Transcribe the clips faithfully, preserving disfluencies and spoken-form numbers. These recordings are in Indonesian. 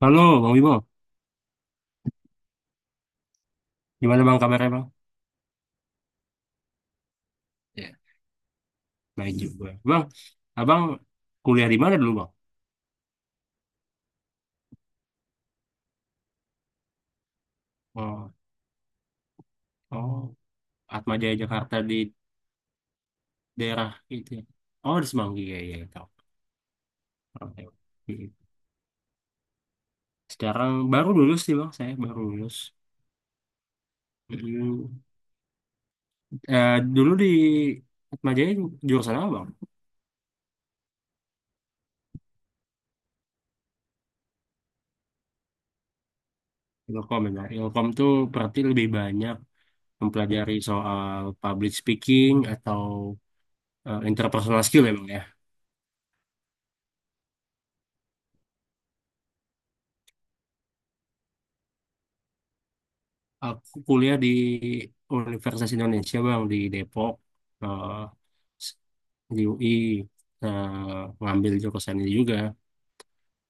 Halo Bang Wibo, gimana Bang kabarnya Bang? Ya. Baik juga. Bang, Abang kuliah di mana dulu Bang? Oh, oh Atma Jaya Jakarta di daerah itu ya. Oh, di Semanggi ya, ya, tahu. Oke. Hmm. Sekarang baru lulus sih Bang, saya baru lulus. Hmm. Eh, Dulu di Atma Jaya jurusan apa Bang? Ilkom ya. Ilkom tuh berarti lebih banyak mempelajari soal public speaking atau eh, interpersonal skill ya Bang ya? Aku kuliah di Universitas Indonesia bang di Depok, eh, di U I, eh, ngambil jurusan ini juga,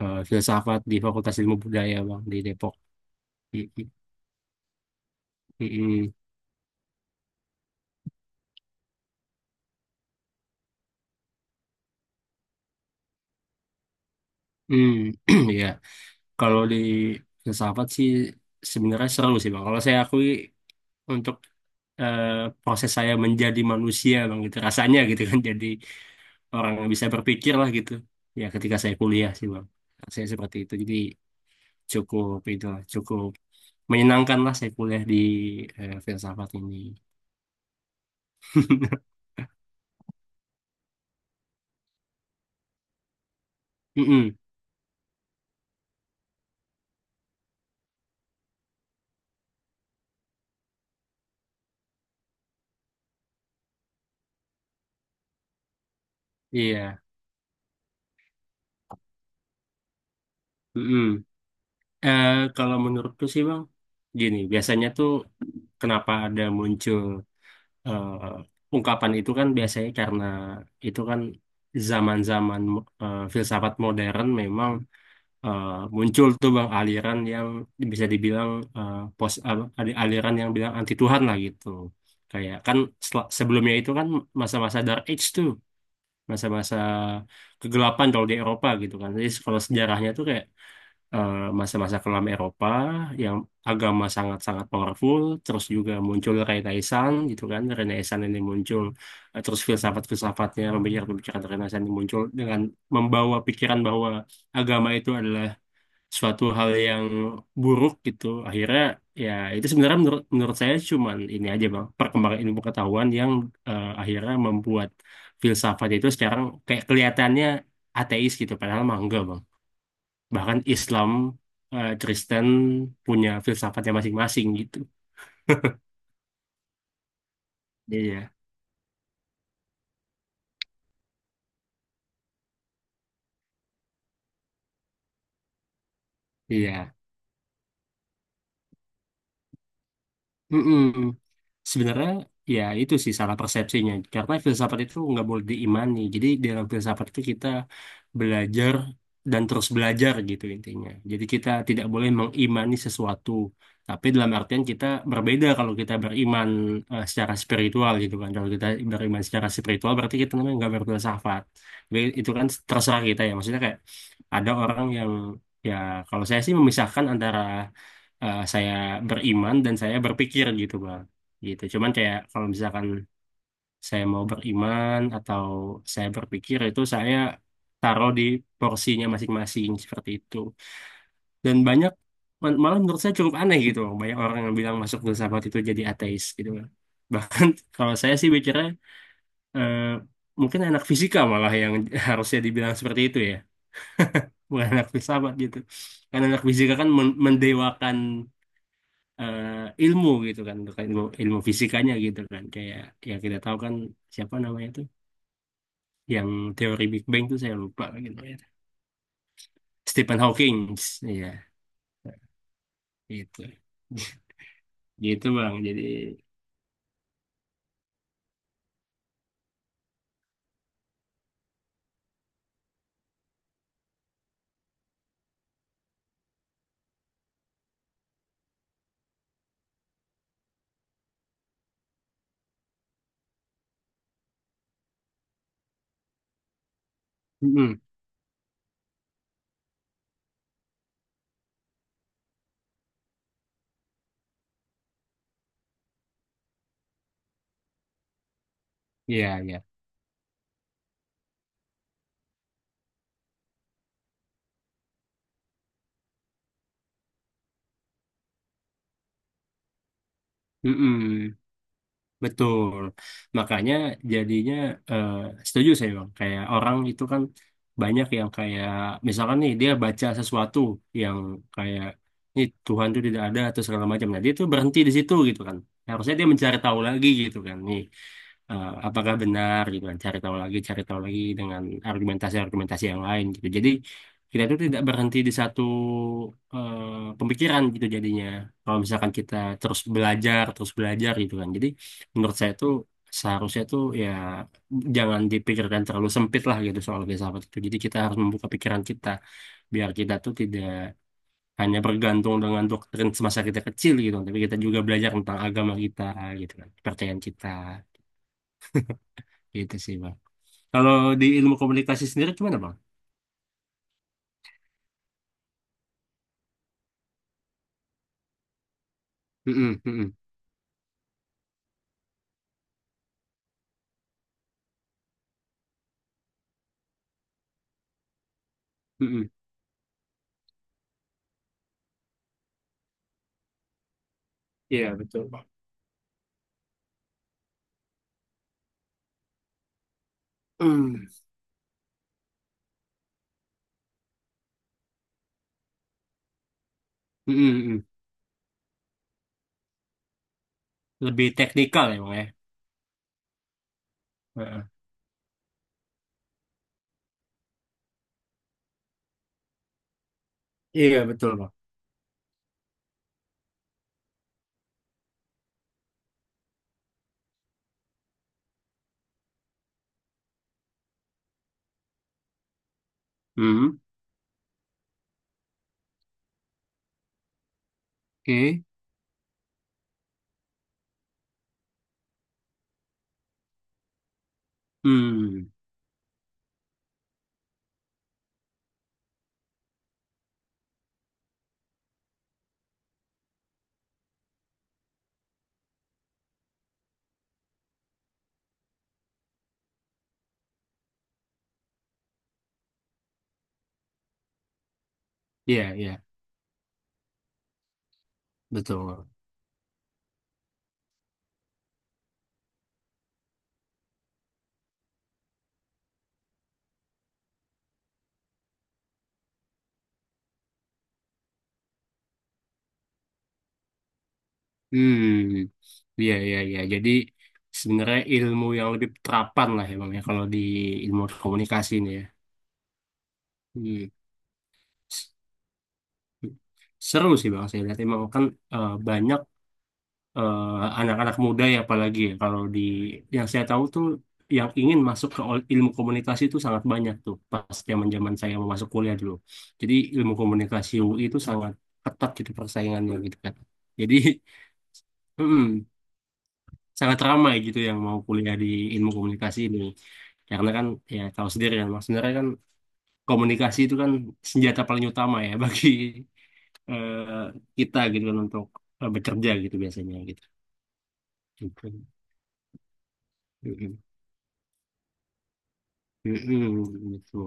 eh, filsafat di Fakultas Ilmu Budaya bang di Depok. Mm, mm, mm, mm. Ya, kalau di filsafat sih sebenarnya seru sih bang. Kalau saya akui untuk eh, proses saya menjadi manusia bang gitu rasanya gitu kan, jadi orang yang bisa berpikir lah gitu. Ya ketika saya kuliah sih bang, saya seperti itu jadi cukup itu lah, cukup menyenangkan lah saya kuliah di eh, filsafat ini. Mm-mm, iya. Mm-mm. Eh, Kalau menurutku sih Bang, gini, biasanya tuh kenapa ada muncul eh, ungkapan itu kan biasanya karena itu kan zaman-zaman eh, filsafat modern memang eh, muncul tuh bang aliran yang bisa dibilang eh, pos apa, ada aliran yang bilang anti Tuhan lah gitu. Kayak kan sel- sebelumnya itu kan masa-masa Dark Age tuh, masa-masa kegelapan kalau di Eropa gitu kan. Jadi kalau sejarahnya tuh kayak eh, masa-masa kelam Eropa yang agama sangat-sangat powerful, terus juga muncul Renaissance gitu kan. Renaissance ini muncul, eh, terus filsafat-filsafatnya, pemikiran-pemikiran Renaissance ini muncul dengan membawa pikiran bahwa agama itu adalah suatu hal yang buruk gitu akhirnya. Ya itu sebenarnya, menurut menurut saya cuman ini aja bang, perkembangan ilmu pengetahuan yang eh, akhirnya membuat filsafat itu sekarang kayak kelihatannya ateis gitu, padahal mah enggak bang. Bahkan Islam, eh, Kristen punya filsafatnya masing-masing gitu. Iya, iya. Mm-mm. Sebenarnya ya itu sih salah persepsinya. Karena filsafat itu nggak boleh diimani. Jadi di dalam filsafat itu kita belajar dan terus belajar gitu intinya. Jadi kita tidak boleh mengimani sesuatu. Tapi dalam artian kita berbeda kalau kita beriman eh, secara spiritual gitu kan. Kalau kita beriman secara spiritual berarti kita namanya nggak berfilsafat. Tapi itu kan terserah kita ya. Maksudnya kayak ada orang yang, ya kalau saya sih memisahkan antara eh, saya beriman dan saya berpikir gitu bang. Gitu cuman kayak kalau misalkan saya mau beriman atau saya berpikir itu saya taruh di porsinya masing-masing seperti itu. Dan banyak mal- malah menurut saya cukup aneh gitu Bang, banyak orang yang bilang masuk filsafat itu jadi ateis gitu Bang. Bahkan kalau saya sih bicara, eh, mungkin anak fisika malah yang harusnya dibilang seperti itu ya, bukan anak filsafat gitu, karena anak fisika kan men- mendewakan eh, ilmu gitu kan. Bukan ilmu, ilmu fisikanya gitu kan, kayak ya kita tahu kan siapa namanya tuh yang teori Big Bang tuh saya lupa gitu ya, Stephen Hawking. Ya itu, gitu bang jadi mm ya, ya. Betul. Makanya jadinya eh, setuju saya Bang. Kayak orang itu kan banyak yang kayak misalkan nih dia baca sesuatu yang kayak ini Tuhan itu tidak ada atau segala macam. Nah, dia tuh berhenti di situ gitu kan. Harusnya dia mencari tahu lagi gitu kan. Nih eh, apakah benar gitu kan. Cari tahu lagi, cari tahu lagi dengan argumentasi-argumentasi yang lain gitu. Jadi kita tuh tidak berhenti di satu eh, pemikiran gitu jadinya. Kalau misalkan kita terus belajar, terus belajar gitu kan. Jadi menurut saya tuh seharusnya tuh ya jangan dipikirkan terlalu sempit lah gitu soal filsafat itu. Jadi kita harus membuka pikiran kita biar kita tuh tidak hanya bergantung dengan doktrin semasa kita kecil gitu, tapi kita juga belajar tentang agama kita gitu kan, kepercayaan kita gitu sih bang. Kalau di ilmu komunikasi sendiri gimana bang? Mm-mm, mm-mm, mm-mm. Iya betul bang. Mm, mm-mm, mm-mm. Mm. Lebih teknikal ya bang ya. Heeh. Iya betul bang. Hmm, oke. Hmm, iya, iya, betul. Hmm, iya, iya, iya. Jadi sebenarnya ilmu yang lebih terapan lah ya bang ya kalau di ilmu komunikasi ini ya. Hmm. S- Seru sih bang, saya lihat emang kan eh, banyak eh, anak-anak muda ya, apalagi ya kalau di yang saya tahu tuh yang ingin masuk ke ol- ilmu komunikasi itu sangat banyak tuh pas zaman-zaman saya mau masuk kuliah dulu. Jadi ilmu komunikasi U I itu sangat ketat gitu persaingannya gitu kan. Jadi Mm-mm. Sangat ramai gitu yang mau kuliah di ilmu komunikasi ini karena kan, ya tahu sendiri kan mas, sebenarnya kan komunikasi itu kan senjata paling utama ya bagi eh, kita gitu kan untuk eh, bekerja gitu biasanya gitu. Gitu. Mm-mm. Mm-mm, gitu.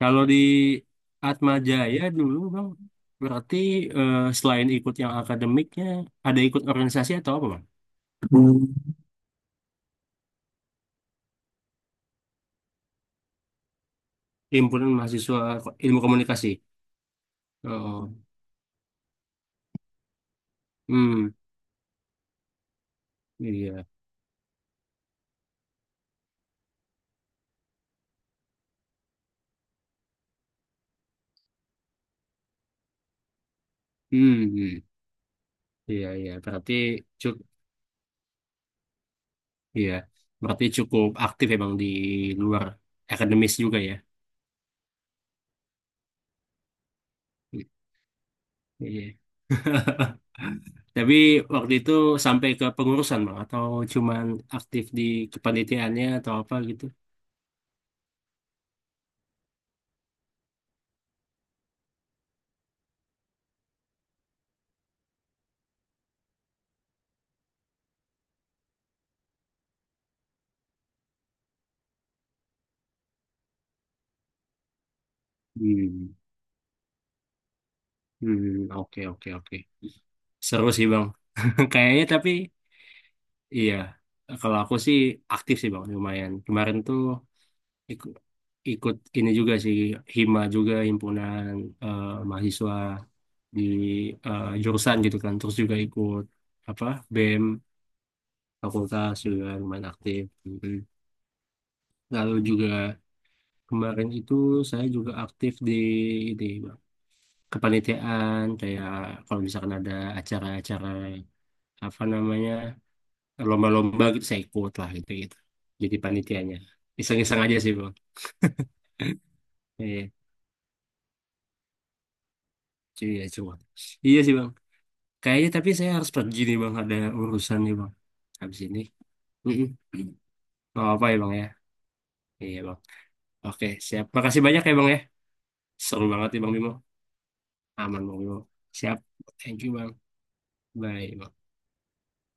Kalau di Atma Jaya dulu bang, berarti eh, selain ikut yang akademiknya ada ikut organisasi atau apa bang? Hmm. Himpunan mahasiswa ilmu komunikasi. Oh. Hmm. Iya. Hmm. Hmm. Iya, iya. Berarti cukup, iya. Berarti cukup aktif emang di luar akademis juga ya. I- Iya. Tapi waktu itu sampai ke pengurusan bang, atau cuman aktif di kepanitiaannya atau apa gitu? Hmm, hmm, oke, oke, oke. Seru sih bang. Kayaknya tapi iya. Kalau aku sih aktif sih bang, lumayan. Kemarin tuh ikut ikut ini juga sih, hima juga, himpunan eh, mahasiswa di eh, jurusan gitu kan, terus juga ikut apa, BEM fakultas juga lumayan aktif. Mhm. Lalu juga kemarin itu saya juga aktif di di kepanitiaan kayak kalau misalkan ada acara-acara apa namanya, lomba-lomba gitu, saya ikut lah gitu, gitu jadi panitianya, iseng-iseng aja sih bang. Iya, iya, cuma iya sih bang kayaknya, tapi saya harus pergi nih bang, ada urusan nih bang habis ini. Mm-mm. Nggak apa-apa ya bang ya, iya bang. Oke, siap. Makasih banyak ya Bang ya. Seru banget ya Bang Bimo. Aman Bang Bimo. Siap. Thank you Bang. Bye. Bang.